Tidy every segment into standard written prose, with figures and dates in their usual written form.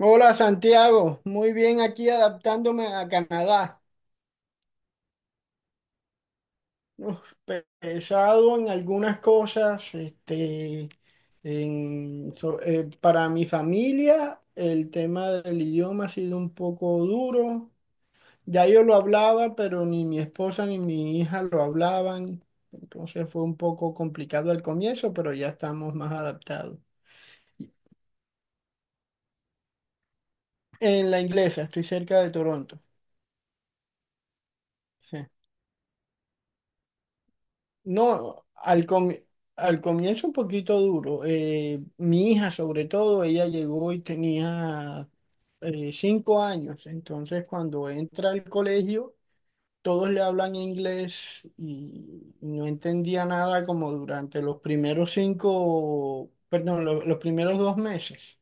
Hola Santiago, muy bien aquí adaptándome a Canadá. Uf, pesado en algunas cosas, para mi familia el tema del idioma ha sido un poco duro. Ya yo lo hablaba, pero ni mi esposa ni mi hija lo hablaban. Entonces fue un poco complicado al comienzo, pero ya estamos más adaptados. En la inglesa, estoy cerca de Toronto. Sí. No, al comi- al comienzo un poquito duro. Mi hija sobre todo, ella llegó y tenía 5 años. Entonces cuando entra al colegio, todos le hablan inglés y no entendía nada como durante los primeros cinco, perdón, los primeros 2 meses.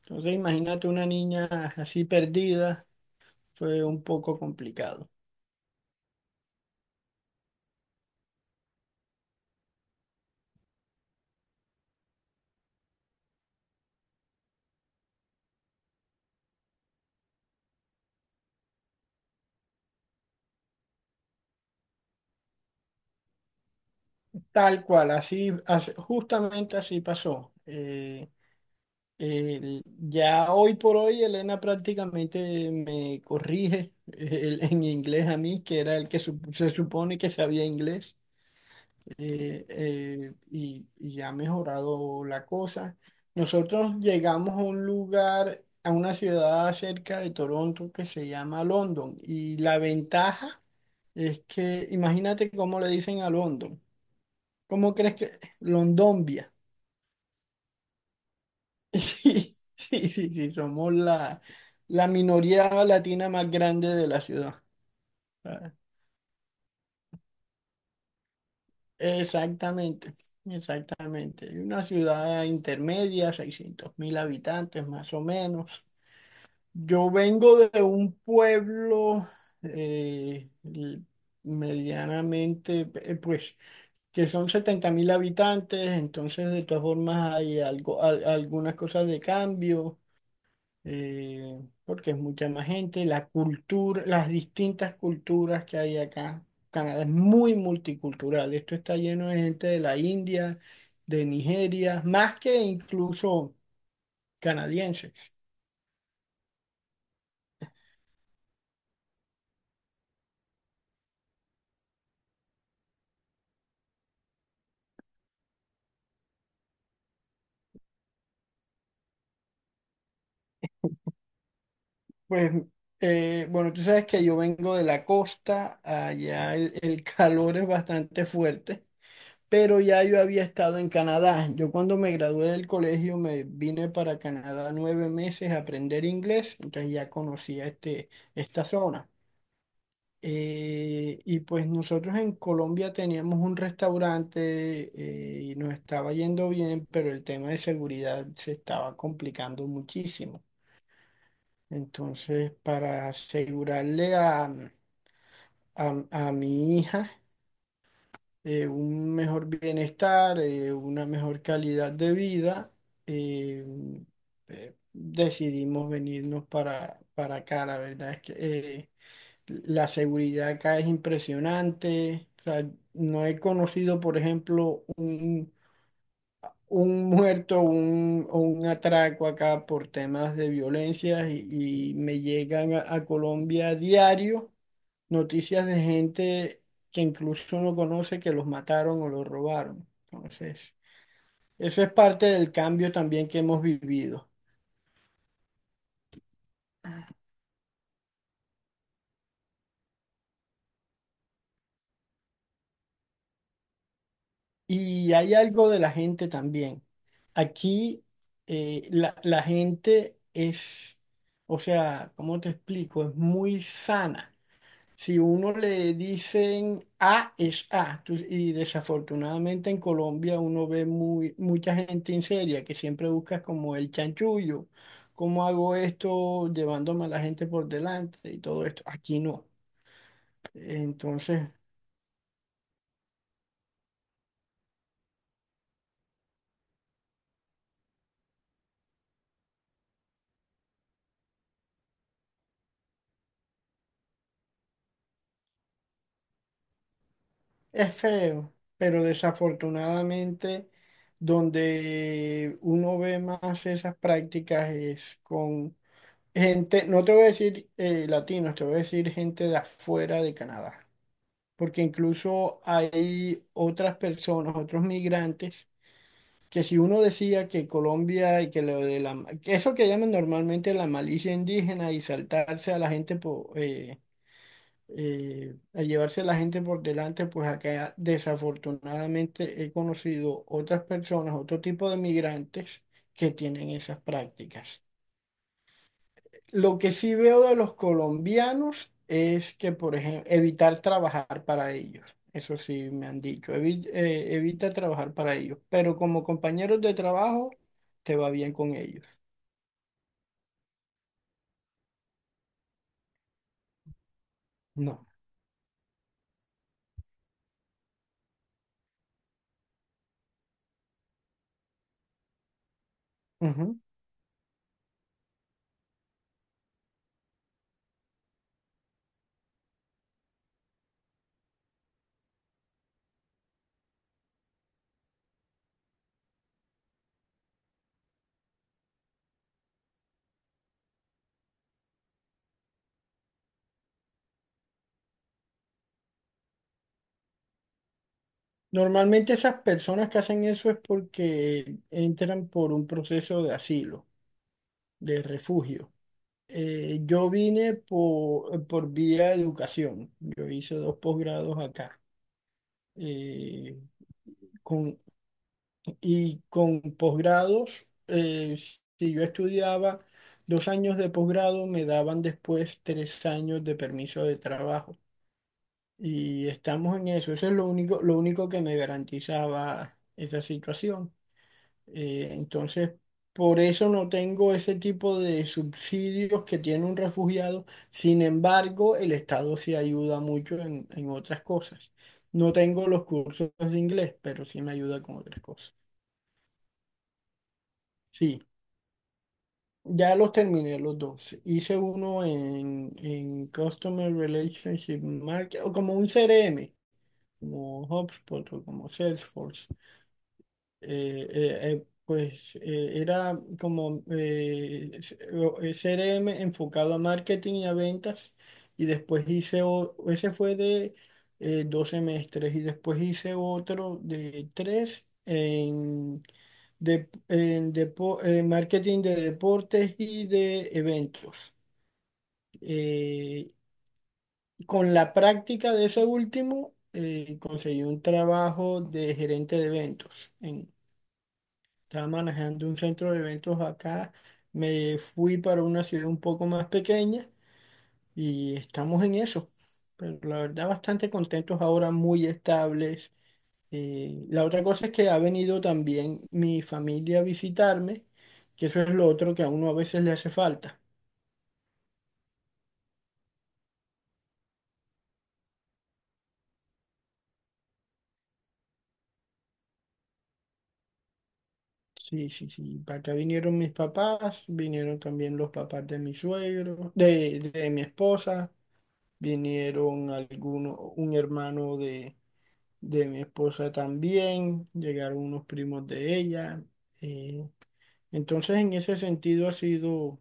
Entonces imagínate una niña así perdida, fue un poco complicado. Tal cual, así, justamente así pasó. Ya hoy por hoy Elena prácticamente me corrige en inglés a mí, que era el que se supone que sabía inglés, y ha mejorado la cosa. Nosotros llegamos a un lugar, a una ciudad cerca de Toronto que se llama London, y la ventaja es que, imagínate cómo le dicen a London, ¿cómo crees que? Londombia. Sí, sí, sí, sí, somos la minoría latina más grande de la ciudad. Ah, exactamente, exactamente. Una ciudad intermedia, 600.000 habitantes más o menos. Yo vengo de un pueblo eh, l- medianamente, pues, que son 70.000 habitantes, entonces de todas formas hay algo, algunas cosas de cambio. Porque es mucha más gente, la cultura, las distintas culturas que hay acá. Canadá es muy multicultural, esto está lleno de gente de la India, de Nigeria, más que incluso canadienses. Pues, bueno, tú sabes que yo vengo de la costa, allá el calor es bastante fuerte. Pero ya yo había estado en Canadá. Yo cuando me gradué del colegio me vine para Canadá 9 meses a aprender inglés, entonces ya conocía esta zona. Y pues nosotros en Colombia teníamos un restaurante y nos estaba yendo bien, pero el tema de seguridad se estaba complicando muchísimo. Entonces, para asegurarle a mi hija, un mejor bienestar, una mejor calidad de vida, eh, decidimos venirnos para acá. La verdad es que la seguridad acá es impresionante. O sea, no he conocido, por ejemplo, un muerto o un atraco acá por temas de violencia , y me llegan a Colombia a diario noticias de gente que incluso uno conoce que los mataron o los robaron. Entonces, eso es parte del cambio también que hemos vivido. Y hay algo de la gente también. Aquí la gente es, o sea, ¿cómo te explico? Es muy sana. Si uno le dicen A es A, y desafortunadamente en Colombia uno ve muy, mucha gente seria que siempre busca como el chanchullo, cómo hago esto llevándome a la gente por delante y todo esto. Aquí no. Entonces es feo, pero desafortunadamente donde uno ve más esas prácticas es con gente, no te voy a decir latinos, te voy a decir gente de afuera de Canadá. Porque incluso hay otras personas, otros migrantes, que si uno decía que Colombia y que lo de la, que eso que llaman normalmente la malicia indígena y saltarse a la gente por, a llevarse a la gente por delante, pues acá desafortunadamente he conocido otras personas, otro tipo de migrantes que tienen esas prácticas. Lo que sí veo de los colombianos es que, por ejemplo, evitar trabajar para ellos. Eso sí me han dicho, Evita trabajar para ellos". Pero como compañeros de trabajo, te va bien con ellos. No. Ujú. Normalmente esas personas que hacen eso es porque entran por un proceso de asilo, de refugio. Yo vine por vía de educación. Yo hice dos posgrados acá. Eh, con y con posgrados, eh, si yo estudiaba 2 años de posgrado, me daban después 3 años de permiso de trabajo. Y estamos en eso. Eso es lo único que me garantizaba esa situación. Entonces, por eso no tengo ese tipo de subsidios que tiene un refugiado. Sin embargo, el Estado sí ayuda mucho en otras cosas. No tengo los cursos de inglés, pero sí me ayuda con otras cosas. Sí. Ya los terminé los dos. Hice uno en Customer Relationship Market, o como un CRM, como HubSpot o como Salesforce pues era como CRM enfocado a marketing y a ventas y después hice, ese fue de 2 semestres y después hice otro de tres en marketing de deportes y de eventos. Eh, con la práctica de ese último conseguí un trabajo de gerente de eventos. Estaba manejando un centro de eventos acá, me fui para una ciudad un poco más pequeña y estamos en eso. Pero la verdad bastante contentos ahora, muy estables. La otra cosa es que ha venido también mi familia a visitarme, que eso es lo otro que a uno a veces le hace falta. Sí, sí, sí. Para acá vinieron mis papás, vinieron también los papás de mi suegro, de mi esposa, vinieron algunos, un hermano de mi esposa también, llegaron unos primos de ella. eh, entonces, en ese sentido ha sido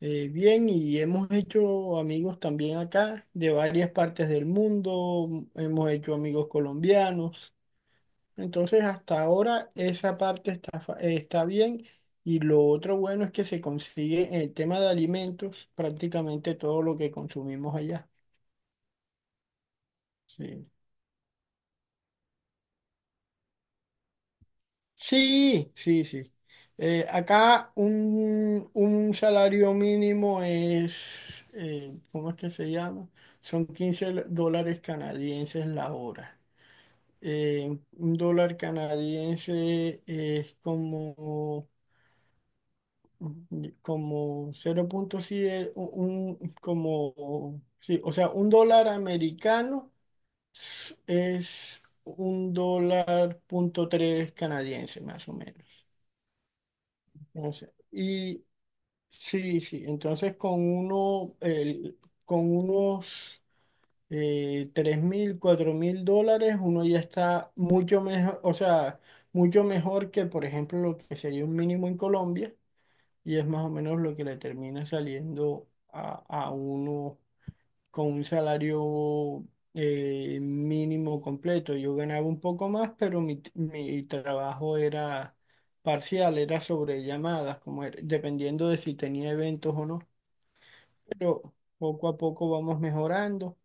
bien, y hemos hecho amigos también acá de varias partes del mundo, hemos hecho amigos colombianos. Entonces, hasta ahora esa parte está, está bien. Y lo otro bueno es que se consigue en el tema de alimentos prácticamente todo lo que consumimos allá. Sí. Sí, sí, sí. Acá un salario mínimo es, ¿cómo es que se llama? Son dólares canadienses la hora. Un dólar canadiense es como, como 0.7, como, sí, o sea, un dólar americano es un dólar punto tres canadiense, más o menos. No sé. Sí, sí. Entonces con uno, con unos 3.000, 4.000 dólares, uno ya está mucho mejor, o sea, mucho mejor que, por ejemplo, lo que sería un mínimo en Colombia, y es más o menos lo que le termina saliendo a uno con un salario mínimo completo. Yo ganaba un poco más, pero mi trabajo era parcial, era sobre llamadas, como dependiendo de si tenía eventos o no. Yo, Poco a poco vamos mejorando.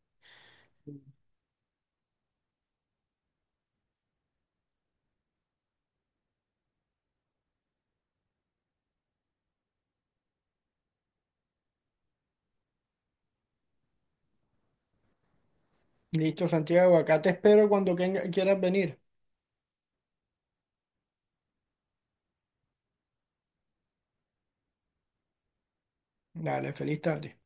Listo, Santiago, acá te espero cuando quieras venir. Dale, feliz tarde.